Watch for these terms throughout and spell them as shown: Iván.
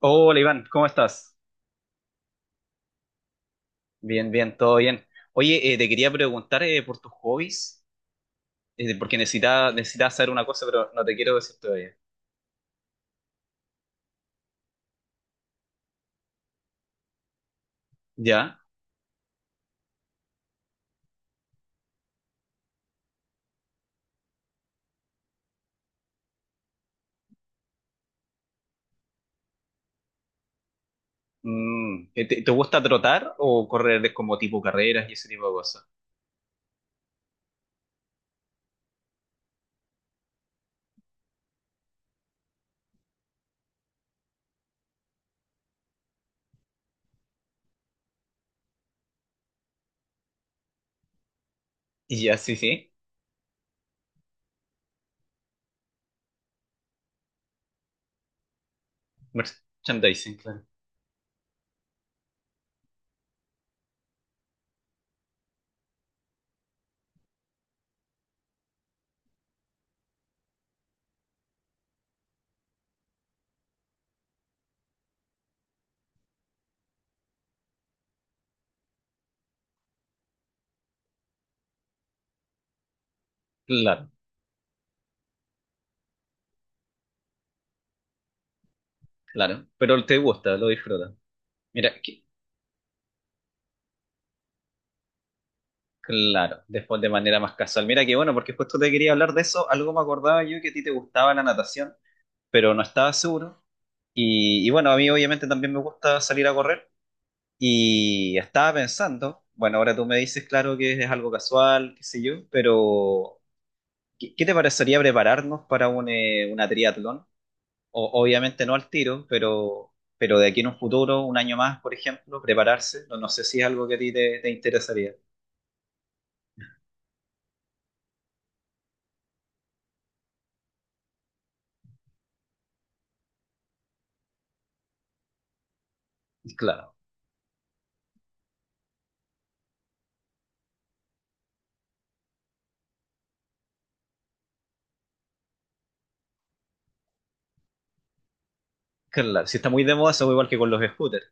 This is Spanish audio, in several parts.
Hola Iván, ¿cómo estás? Bien, bien, todo bien. Oye, te quería preguntar por tus hobbies, porque necesitaba saber una cosa, pero no te quiero decir todavía. ¿Ya? ¿Te gusta trotar o correr como tipo carreras y ese tipo de cosas? Y ya, sí, sí. Merchandising, claro. Claro, claro. Pero te gusta, lo disfrutas. Mira, claro, después de manera más casual. Mira que bueno, porque justo te quería hablar de eso. Algo me acordaba yo que a ti te gustaba la natación, pero no estaba seguro. Y bueno, a mí obviamente también me gusta salir a correr y estaba pensando, bueno, ahora tú me dices, claro, que es algo casual, qué sé yo, pero ¿qué te parecería prepararnos para una triatlón? Obviamente no al tiro, pero de aquí en un futuro, un año más, por ejemplo, prepararse, no, no sé si es algo que a ti te interesaría. Y claro, claro, si está muy de moda, eso igual que con los scooters.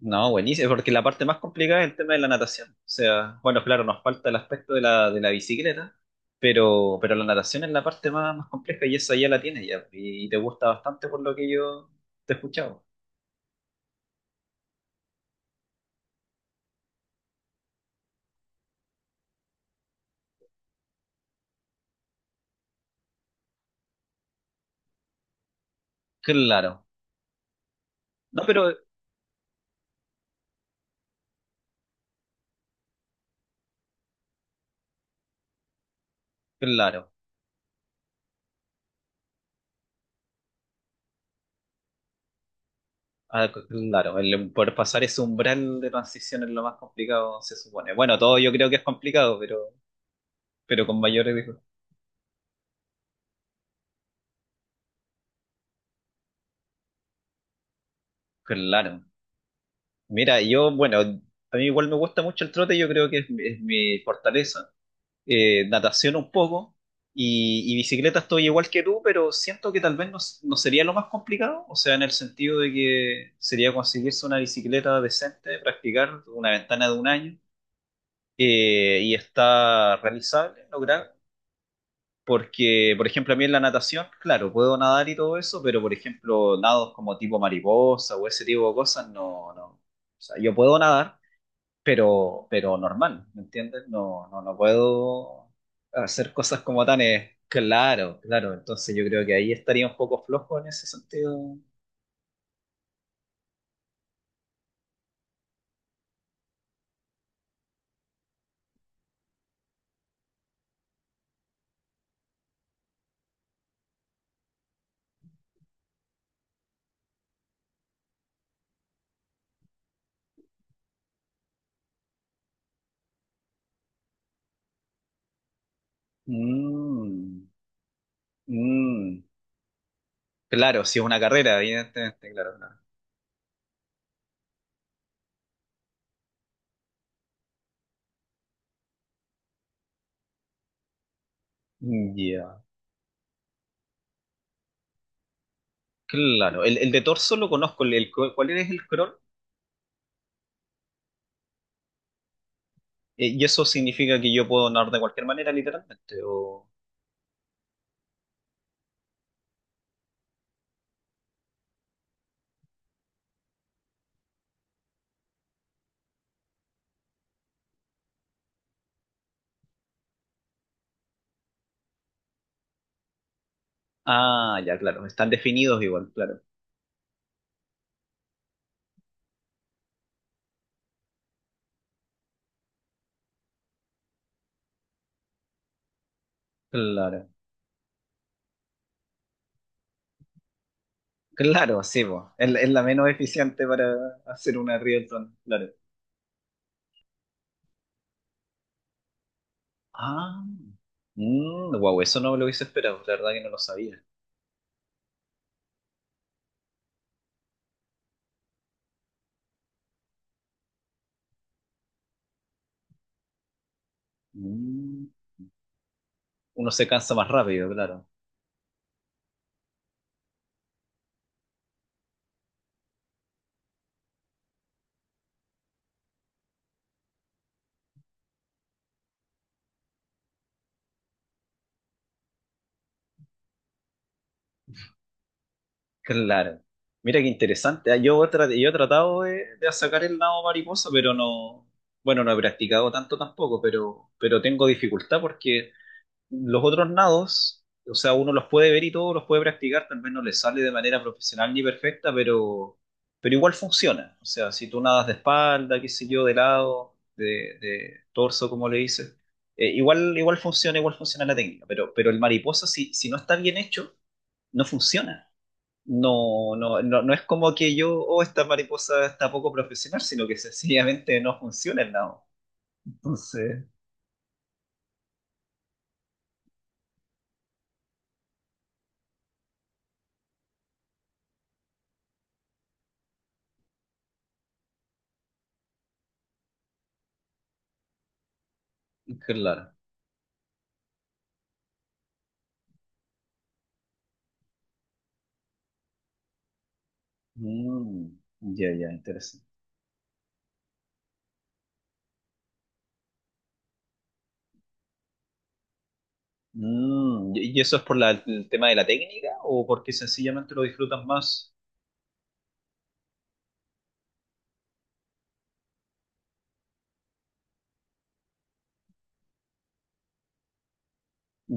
No, buenísimo, porque la parte más complicada es el tema de la natación. O sea, bueno, claro, nos falta el aspecto de la bicicleta, pero la natación es la parte más compleja y esa ya la tienes ya. Y te gusta bastante por lo que yo te he escuchado. Claro. No, pero claro. Ah, claro, el poder pasar ese umbral de transición es lo más complicado, se supone. Bueno, todo yo creo que es complicado, pero con mayor riesgo. Claro. Mira, yo, bueno, a mí igual me gusta mucho el trote, yo creo que es mi fortaleza. Natación un poco y bicicleta estoy igual que tú, pero siento que tal vez no, no sería lo más complicado, o sea, en el sentido de que sería conseguirse una bicicleta decente, practicar una ventana de un año y está realizable, lograr. Porque, por ejemplo, a mí en la natación, claro, puedo nadar y todo eso, pero por ejemplo, nados como tipo mariposa o ese tipo de cosas, no, no. O sea, yo puedo nadar, pero normal, ¿me entiendes? No, no, no puedo hacer cosas como tan. Claro, claro, entonces yo creo que ahí estaría un poco flojo en ese sentido. Mm, mm, claro, si es una carrera, evidentemente, claro, claro. Mm, ya, claro, el de torso lo conozco. ¿Cuál es el crawl? ¿Y eso significa que yo puedo nadar de cualquier manera, literalmente, o? Ah, ya, claro, están definidos igual, claro. Claro. Claro, sí, po. Es la menos eficiente para hacer una Rielton, claro. Ah, wow, eso no me lo hubiese esperado, la verdad que no lo sabía. Mm, Uno se cansa más rápido, claro. Claro. Mira qué interesante. Yo, yo he tratado de, sacar el lado mariposa, pero no, bueno, no he practicado tanto tampoco, pero tengo dificultad porque los otros nados, o sea, uno los puede ver y todos los puede practicar, tal vez no les sale de manera profesional ni perfecta, pero igual funciona. O sea, si tú nadas de espalda, qué sé yo, de lado, de torso, como le dices, igual funciona, igual funciona la técnica, pero el mariposa, si no está bien hecho, no funciona. No, no, no, no es como que yo, oh, esta mariposa está poco profesional, sino que sencillamente no funciona el nado. Entonces, claro. Mm, ya, ya, interesante. ¿Y eso es por el tema de la técnica o porque sencillamente lo disfrutas más?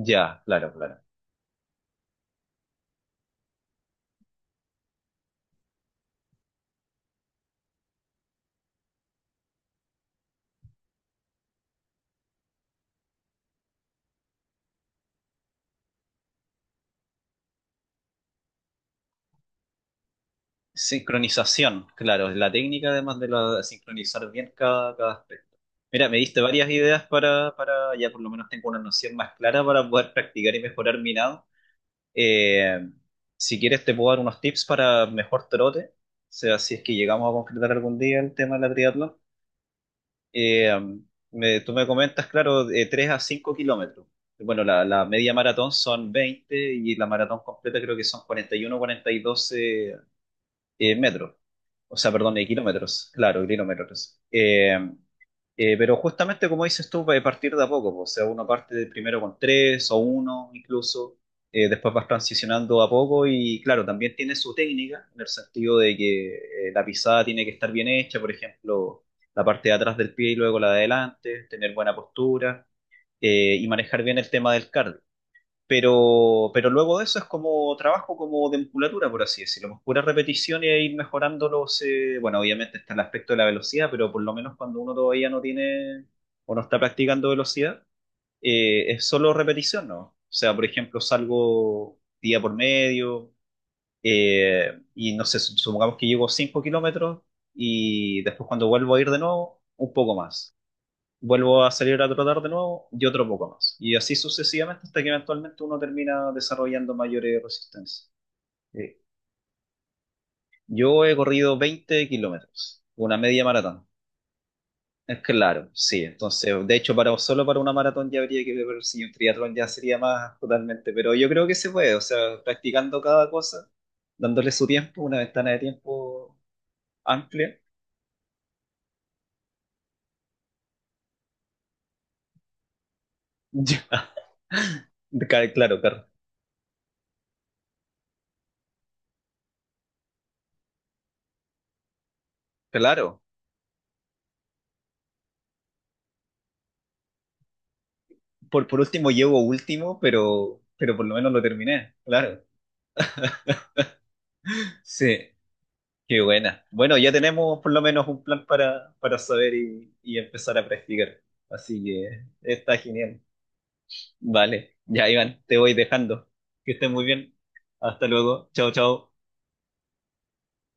Ya, claro, claro. Sincronización, claro, es la técnica además de sincronizar bien cada aspecto. Mira, me diste varias ideas ya por lo menos tengo una noción más clara para poder practicar y mejorar mi nado. Eh, si quieres te puedo dar unos tips para mejor trote, o sea, si es que llegamos a concretar algún día el tema de la triatlón. Eh, Tú me comentas, claro, de 3 a 5 kilómetros. Bueno, la media maratón son 20 y la maratón completa creo que son 41 42 metros. O sea, perdón, de kilómetros, claro, kilómetros. Pero justamente como dices tú, va a partir de a poco, po. O sea, uno parte de primero con tres o uno incluso, después vas transicionando a poco y claro, también tiene su técnica, en el sentido de que la pisada tiene que estar bien hecha, por ejemplo, la parte de atrás del pie y luego la de adelante, tener buena postura y manejar bien el tema del cardio. Pero luego de eso es como trabajo como de musculatura, por así decirlo, más pura repetición y ir mejorándolos bueno, obviamente está el aspecto de la velocidad, pero por lo menos cuando uno todavía no tiene o no está practicando velocidad, es solo repetición, ¿no? O sea, por ejemplo, salgo día por medio y no sé, supongamos que llevo 5 kilómetros y después cuando vuelvo a ir de nuevo, un poco más vuelvo a salir a trotar de nuevo y otro poco más. Y así sucesivamente hasta que eventualmente uno termina desarrollando mayores resistencias. Eh, Yo he corrido 20 kilómetros, una media maratón. Es claro, sí. Entonces, de hecho, solo para una maratón ya habría que ver si un triatlón ya sería más totalmente. Pero yo creo que se puede, o sea, practicando cada cosa, dándole su tiempo, una ventana de tiempo amplia. Ya. Claro, claro, claro. Por último llevo último, pero por lo menos lo terminé, claro. Sí, qué buena. Bueno, ya tenemos por lo menos un plan para saber y empezar a practicar. Así que está genial. Vale, ya Iván, te voy dejando. Que estés muy bien. Hasta luego. Chao, chao.